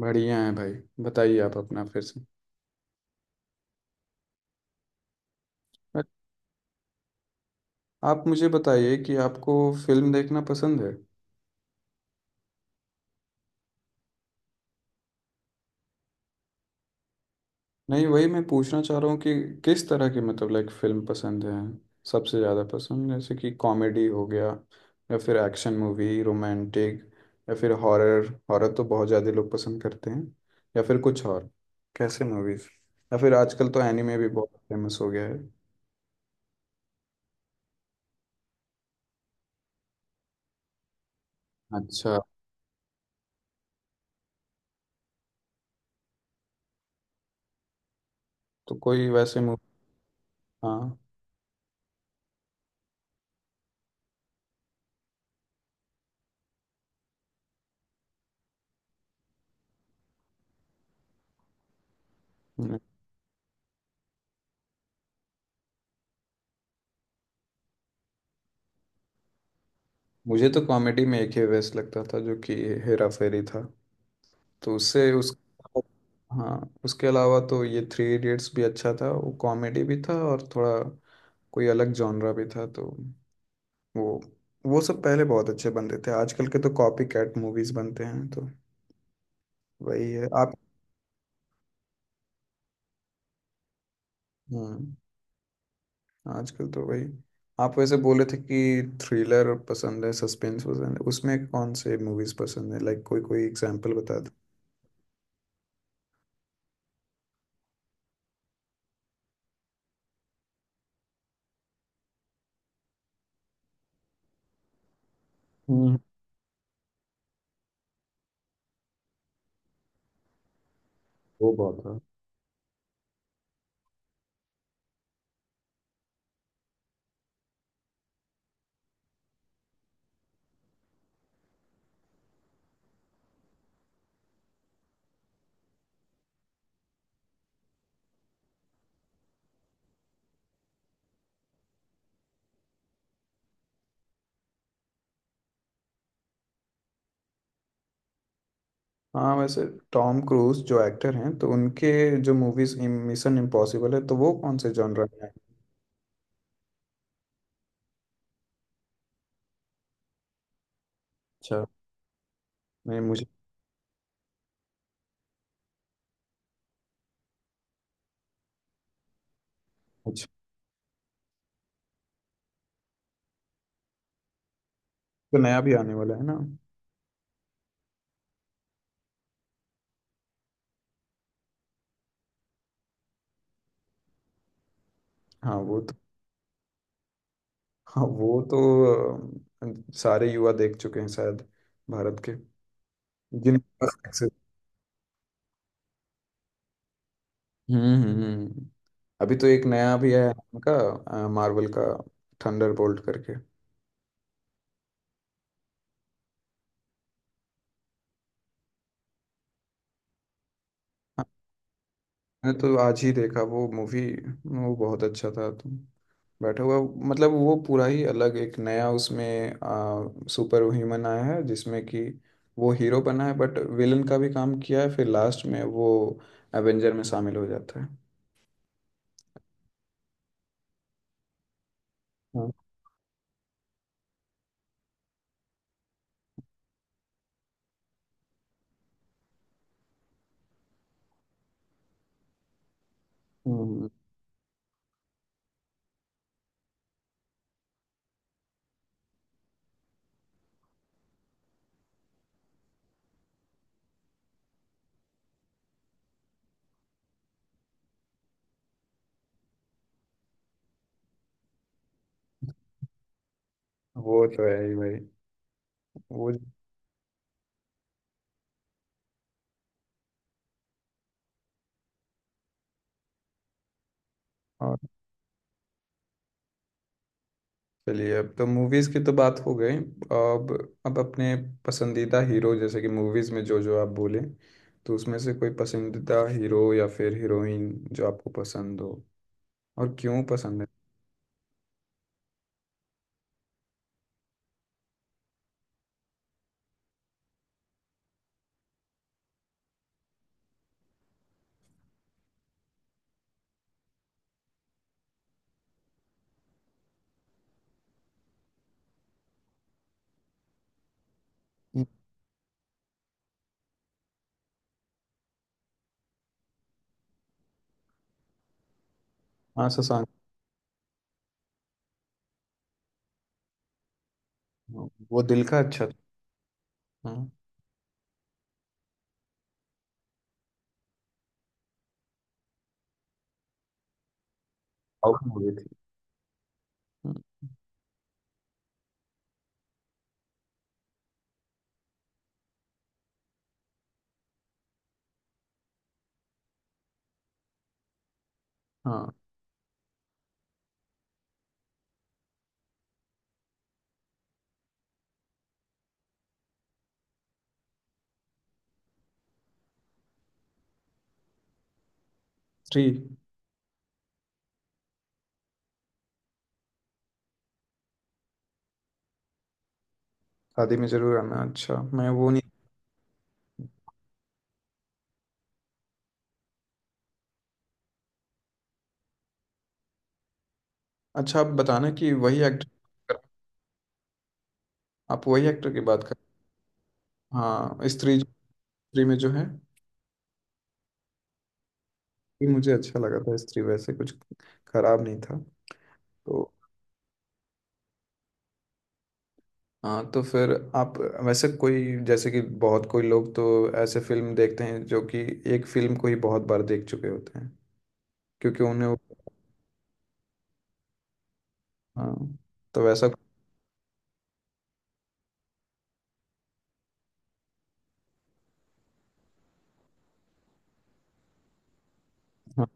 बढ़िया है भाई। बताइए आप अपना फिर से। बट आप मुझे बताइए कि आपको फिल्म देखना पसंद है? नहीं, वही मैं पूछना चाह रहा हूँ कि किस तरह की मतलब लाइक फिल्म पसंद है सबसे ज़्यादा? पसंद जैसे कि कॉमेडी हो गया, या फिर एक्शन मूवी, रोमांटिक, या फिर हॉरर। हॉरर तो बहुत ज़्यादा लोग पसंद करते हैं, या फिर कुछ और? कैसे मूवीज़? या फिर आजकल तो एनिमे भी बहुत फेमस हो गया है। अच्छा, तो कोई वैसे मूवी? हाँ। मुझे तो कॉमेडी में एक ही बेस्ट लगता था, जो कि हेरा फेरी था। तो उससे उस हाँ। उसके अलावा तो ये थ्री इडियट्स भी अच्छा था, वो कॉमेडी भी था और थोड़ा कोई अलग जॉनरा भी था। वो वो सब पहले बहुत अच्छे बनते थे, आजकल के तो कॉपी कैट मूवीज बनते हैं, तो वही है आप। हम्म आजकल तो वही। आप वैसे बोले थे कि थ्रिलर पसंद है, सस्पेंस पसंद है, उसमें कौन से मूवीज पसंद है? लाइक कोई कोई एग्जांपल बता दो। हम्म। वो बहुत है। हाँ वैसे टॉम क्रूज जो एक्टर हैं, तो उनके जो मूवीज मिशन इम्पॉसिबल है, तो वो कौन से जॉनर में है? अच्छा। नहीं, मुझे। अच्छा, तो नया भी आने वाला है ना? हाँ वो तो। हाँ वो तो सारे युवा देख चुके हैं शायद, भारत के, जिनके पास access-। हम्म, हम्म, अभी तो एक नया भी है उनका, मार्वल का, थंडरबोल्ट करके। मैं तो आज ही देखा वो मूवी। वो बहुत अच्छा था। तो बैठा हुआ, मतलब वो पूरा ही अलग एक नया उसमें सुपर ह्यूमन आया है, जिसमें कि वो हीरो बना है, बट विलन का भी काम किया है, फिर लास्ट में वो एवेंजर में शामिल हो जाता है। हाँ। हम्म। वो तो है ही भाई। वो चलिए, अब तो मूवीज की तो बात हो गई। अब अपने पसंदीदा हीरो, जैसे कि मूवीज में जो जो आप बोले, तो उसमें से कोई पसंदीदा हीरो या फिर हीरोइन जो आपको पसंद हो? और क्यों पसंद है? हाँ शशांक। हाँ, वो दिल का अच्छा था। हाँ। साउथ मूवी थी। हम्म। हाँ थ्री। शादी में जरूर आना? अच्छा, मैं वो नहीं। अच्छा, आप बताना कि वही एक्टर। आप वही एक्टर की बात कर। हाँ, स्त्री। स्त्री में जो है, ये मुझे अच्छा लगा था। स्त्री वैसे कुछ खराब नहीं था तो। हाँ, तो फिर आप वैसे, कोई, जैसे कि बहुत कोई लोग तो ऐसे फिल्म देखते हैं जो कि एक फिल्म को ही बहुत बार देख चुके होते हैं, क्योंकि उन्हें वो-। हाँ, तो वैसा। हाँ।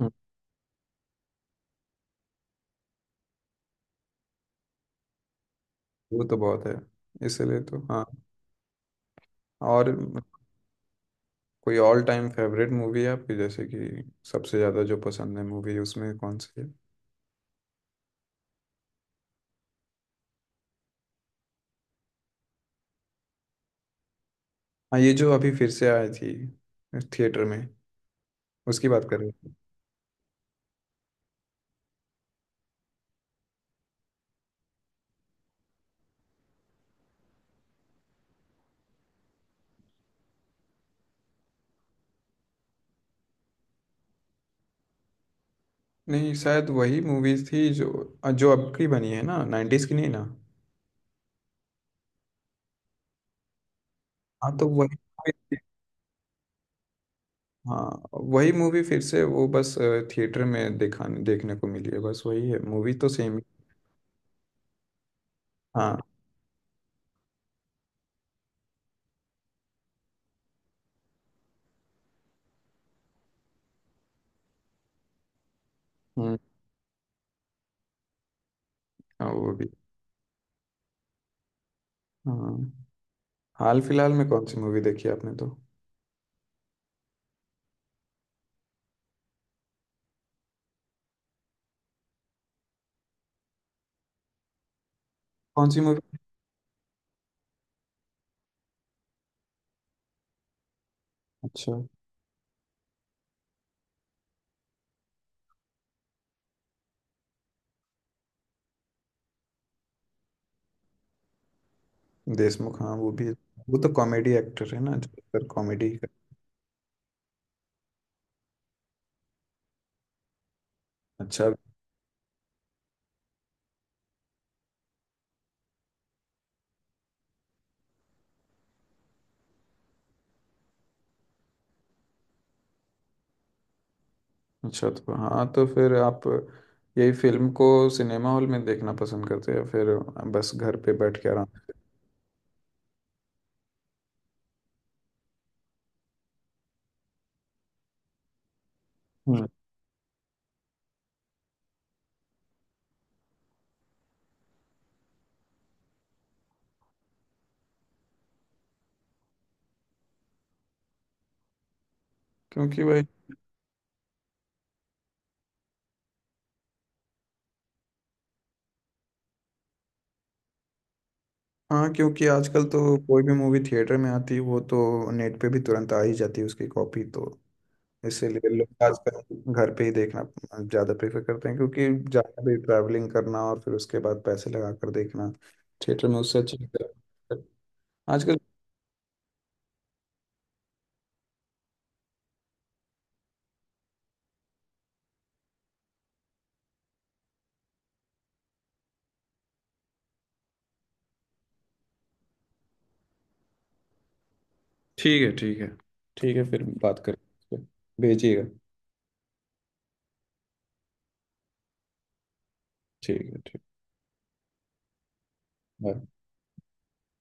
हाँ, वो तो बहुत है। इसलिए तो हाँ। और कोई ऑल टाइम फेवरेट मूवी है आपकी, जैसे कि सबसे ज़्यादा जो पसंद है मूवी, उसमें कौन सी है? हाँ, ये जो अभी फिर से आई थी थिएटर में, उसकी बात कर रहे हैं? नहीं, शायद वही मूवी थी जो जो अब की बनी है ना? नाइन्टीज की नहीं ना? हाँ तो वही। हाँ, वही मूवी फिर से वो बस थिएटर में दिखाने देखने को मिली है, बस वही है। मूवी तो सेम ही। हाँ। हम्म। हाँ वो भी। हाँ। हाल फिलहाल में कौन सी मूवी देखी आपने तो? कौन सी मूवी? अच्छा। देशमुख? हाँ, वो भी। वो तो कॉमेडी एक्टर है ना, जो कॉमेडी। अच्छा। अच्छा, तो हाँ, तो फिर आप यही फिल्म को सिनेमा हॉल में देखना पसंद करते हैं, या फिर बस घर पे बैठ के आराम? हम्म। क्योंकि वही। हाँ, क्योंकि आजकल तो कोई भी मूवी थिएटर में आती है, वो तो नेट पे भी तुरंत आ ही जाती है उसकी कॉपी तो। इसीलिए लोग आजकल घर पे ही देखना ज़्यादा प्रेफर करते हैं, क्योंकि ज़्यादा भी ट्रैवलिंग करना और फिर उसके बाद पैसे लगा कर देखना थिएटर में, उससे अच्छी आजकल। ठीक है। ठीक है, ठीक है, फिर बात करें। भेजिएगा। ठीक है। ठीक। बाय।